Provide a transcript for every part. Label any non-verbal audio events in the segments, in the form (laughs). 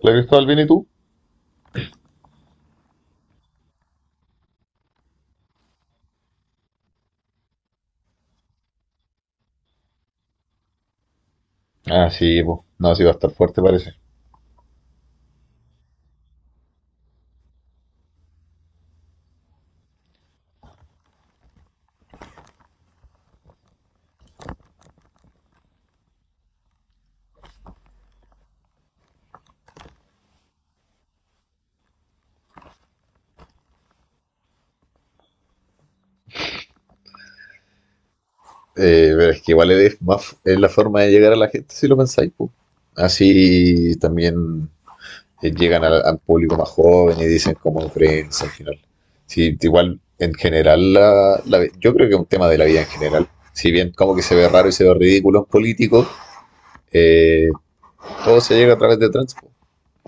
¿La Cristóbal viene tú? Ah, sí, pues. No, sí va a estar fuerte, parece. Pero es que igual es, más, es la forma de llegar a la gente, si lo pensáis, pues. Así también llegan al, al público más joven y dicen como Friends al final. Sí, igual en general, yo creo que es un tema de la vida en general. Si bien como que se ve raro y se ve ridículo en político, eh, todo se llega a través de trends. Po.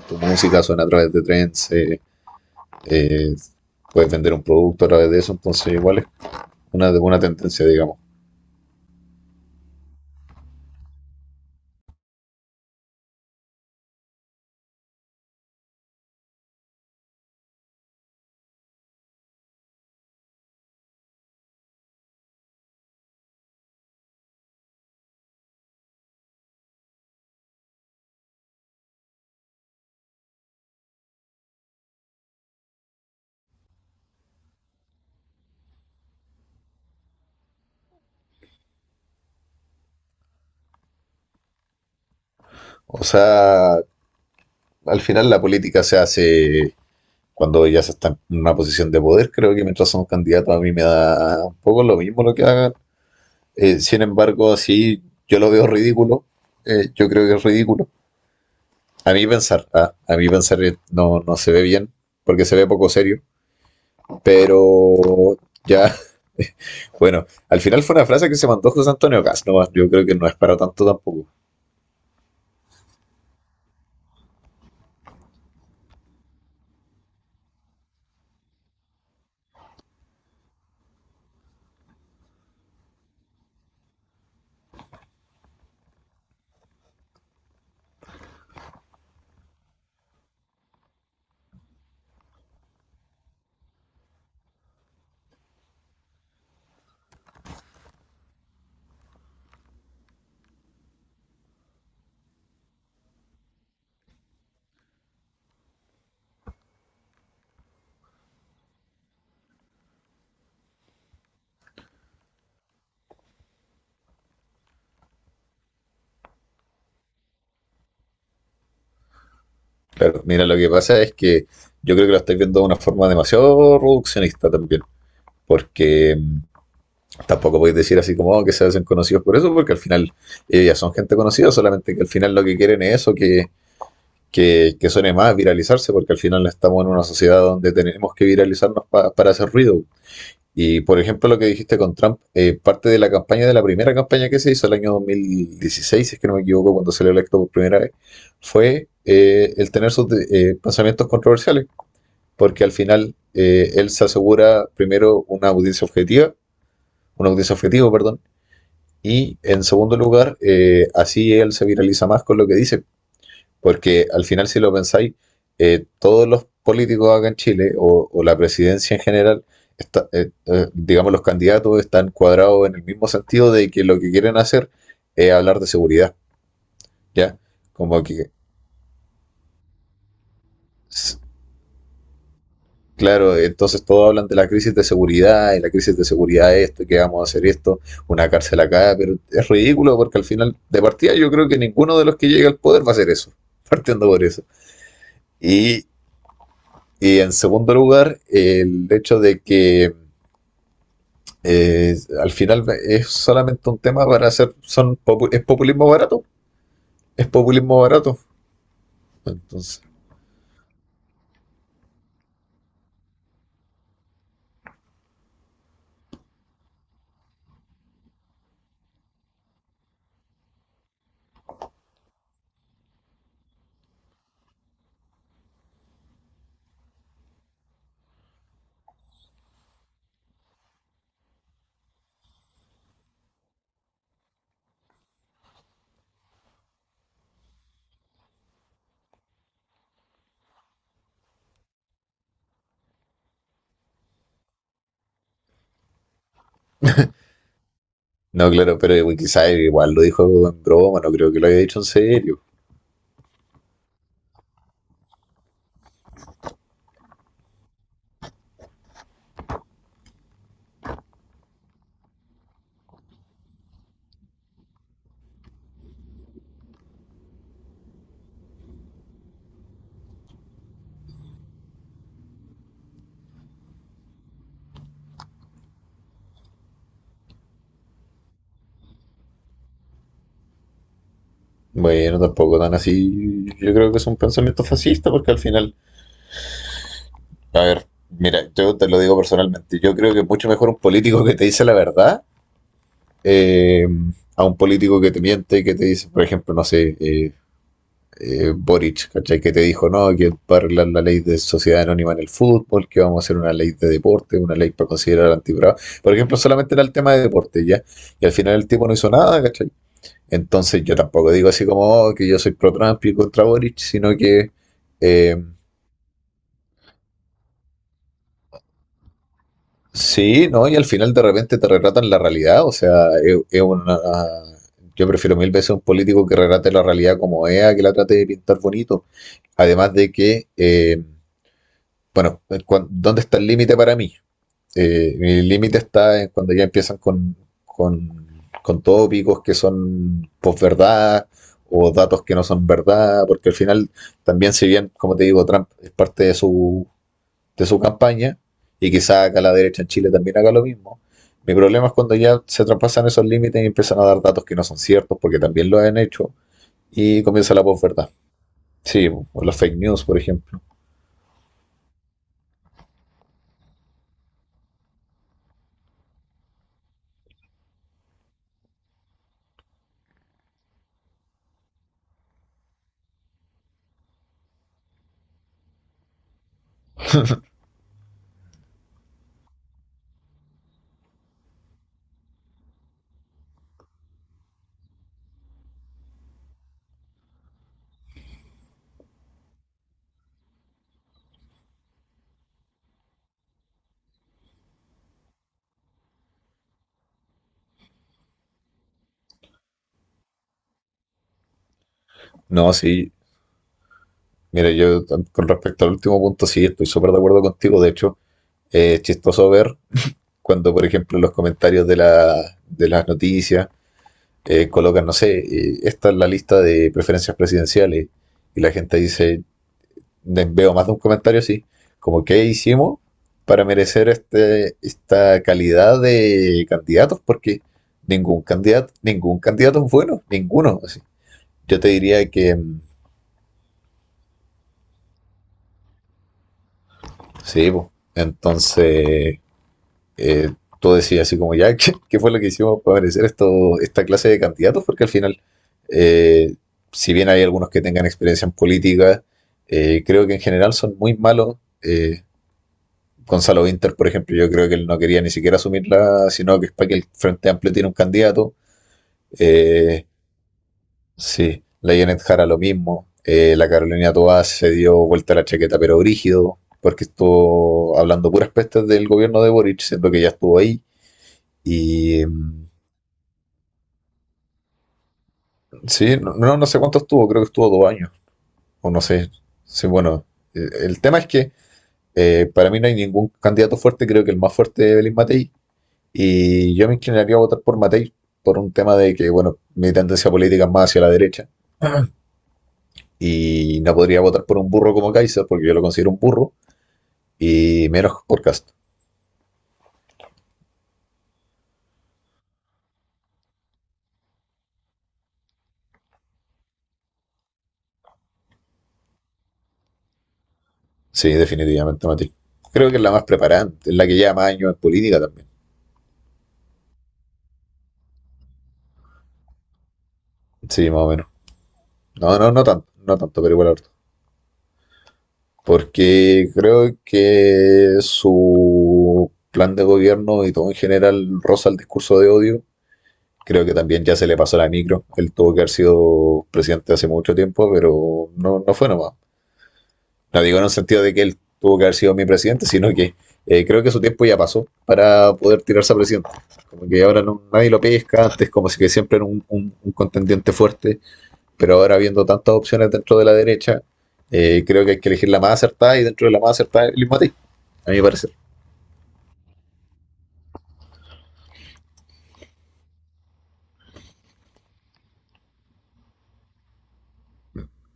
Tu música suena a través de trends, eh, puedes vender un producto a través de eso, entonces igual es una tendencia, digamos. O sea, al final la política se hace cuando ya se está en una posición de poder, creo que mientras son candidatos a mí me da un poco lo mismo lo que hagan. Sin embargo, así yo lo veo ridículo, yo creo que es ridículo. A mí pensar no, no se ve bien, porque se ve poco serio, pero ya, (laughs) bueno, al final fue una frase que se mandó José Antonio Gas, no, yo creo que no es para tanto tampoco. Claro, mira, lo que pasa es que yo creo que lo estáis viendo de una forma demasiado reduccionista también, porque tampoco podéis decir así como "Oh, que se hacen conocidos por eso, porque al final ya son gente conocida, solamente que al final lo que quieren es eso, que suene más, viralizarse, porque al final estamos en una sociedad donde tenemos que viralizarnos para hacer ruido. Y por ejemplo, lo que dijiste con Trump, parte de la campaña, de la primera campaña que se hizo el año 2016, si es que no me equivoco, cuando salió electo por primera vez, fue el tener sus pensamientos controversiales porque al final, él se asegura primero una audiencia objetiva, una audiencia objetivo, perdón, y en segundo lugar, así él se viraliza más con lo que dice, porque al final si lo pensáis, todos los políticos acá en Chile o la presidencia en general, digamos los candidatos están cuadrados en el mismo sentido de que lo que quieren hacer es hablar de seguridad, ¿ya? Como que claro, entonces todos hablan de la crisis de seguridad y la crisis de seguridad esto, que vamos a hacer esto, una cárcel acá, pero es ridículo porque al final de partida yo creo que ninguno de los que llega al poder va a hacer eso, (laughs) partiendo por eso. Y, y en segundo lugar, el hecho de que al final es solamente un tema para hacer, son, es populismo barato, es populismo barato. Entonces, no, claro, pero quizás igual lo dijo en broma, no creo que lo haya dicho en serio. Bueno, tampoco tan así. Yo creo que es un pensamiento fascista porque al final, a ver, mira, yo te lo digo personalmente, yo creo que es mucho mejor un político que te dice la verdad, eh, a un político que te miente y que te dice, por ejemplo, no sé, Boric, ¿cachai? Que te dijo, no, que va a arreglar la ley de sociedad anónima en el fútbol, que vamos a hacer una ley de deporte, una ley para considerar antibravo. Por ejemplo, solamente era el tema de deporte, ¿ya? Y al final el tipo no hizo nada, ¿cachai? Entonces yo tampoco digo así como oh, que yo soy pro Trump y contra Boric, sino que eh, sí, ¿no? Y al final de repente te retratan la realidad, o sea, es una... Yo prefiero mil veces un político que retrate la realidad como es, a que la trate de pintar bonito. Además de que, bueno, ¿dónde está el límite para mí? Mi límite está en cuando ya empiezan con, con tópicos que son posverdad o datos que no son verdad, porque al final también si bien, como te digo, Trump es parte de su campaña y quizá acá la derecha en Chile también haga lo mismo. Mi problema es cuando ya se traspasan esos límites y empiezan a dar datos que no son ciertos, porque también lo han hecho, y comienza la posverdad. Sí, o las fake news, por ejemplo. No, sí, mira, yo con respecto al último punto, sí, estoy súper de acuerdo contigo. De hecho, es chistoso ver cuando, por ejemplo, los comentarios de las noticias colocan, no sé, esta es la lista de preferencias presidenciales y la gente dice, veo más de un comentario así, como qué hicimos para merecer este, esta calidad de candidatos, porque ningún candidato es bueno, ninguno. Así. Yo te diría que sí, po. Entonces eh, tú decías así como ya, (laughs) ¿qué, qué fue lo que hicimos para merecer esto, esta clase de candidatos? Porque al final, eh, si bien hay algunos que tengan experiencia en política, creo que en general son muy malos. Eh, Gonzalo Winter, por ejemplo, yo creo que él no quería ni siquiera asumirla, sino que es para que el Frente Amplio tiene un candidato. Eh, sí, la Janet Jara lo mismo. La Carolina Toá se dio vuelta a la chaqueta, pero brígido, porque estuvo hablando puras pestes del gobierno de Boric, siendo que ya estuvo ahí. Y sí, no, no, no sé cuánto estuvo, creo que estuvo 2 años, o no sé. Sí, bueno, el tema es que para mí no hay ningún candidato fuerte, creo que el más fuerte es Belín Matei, y yo me inclinaría a votar por Matei por un tema de que, bueno, mi tendencia política es más hacia la derecha, y no podría votar por un burro como Kaiser, porque yo lo considero un burro, y menos por Cast. Sí, definitivamente Matei. Creo que es la más preparada, es la que lleva más años en política también. Sí, más o menos. No, no, no tanto, no tanto, pero igual ahora. Porque creo que su plan de gobierno y todo en general roza el discurso de odio. Creo que también ya se le pasó la micro. Él tuvo que haber sido presidente hace mucho tiempo, pero no, no fue nomás. No digo en el sentido de que él tuvo que haber sido mi presidente, sino que creo que su tiempo ya pasó para poder tirarse a presidente. Como que ahora no, nadie lo pesca, antes como si que siempre era un contendiente fuerte. Pero ahora viendo tantas opciones dentro de la derecha, creo que hay que elegir la más acertada y dentro de la más acertada el mismo a ti, a mi parecer.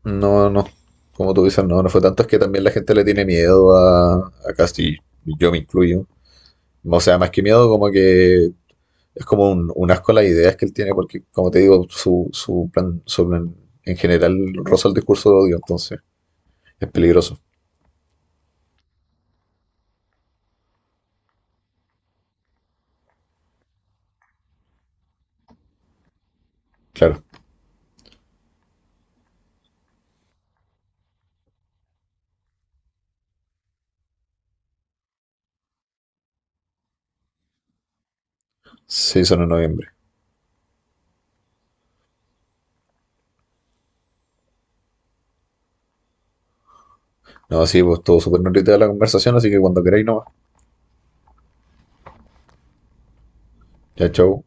No, no, como tú dices, no, no fue tanto, es que también la gente le tiene miedo a Castillo, yo me incluyo. O sea, más que miedo, como que es como un asco las ideas que él tiene, porque como te digo, su, su plan en general roza el discurso de odio, entonces es peligroso, claro. Sí, son en noviembre. No, sí, pues estuvo súper nutrida la conversación, así que cuando queráis no. Ya, chau.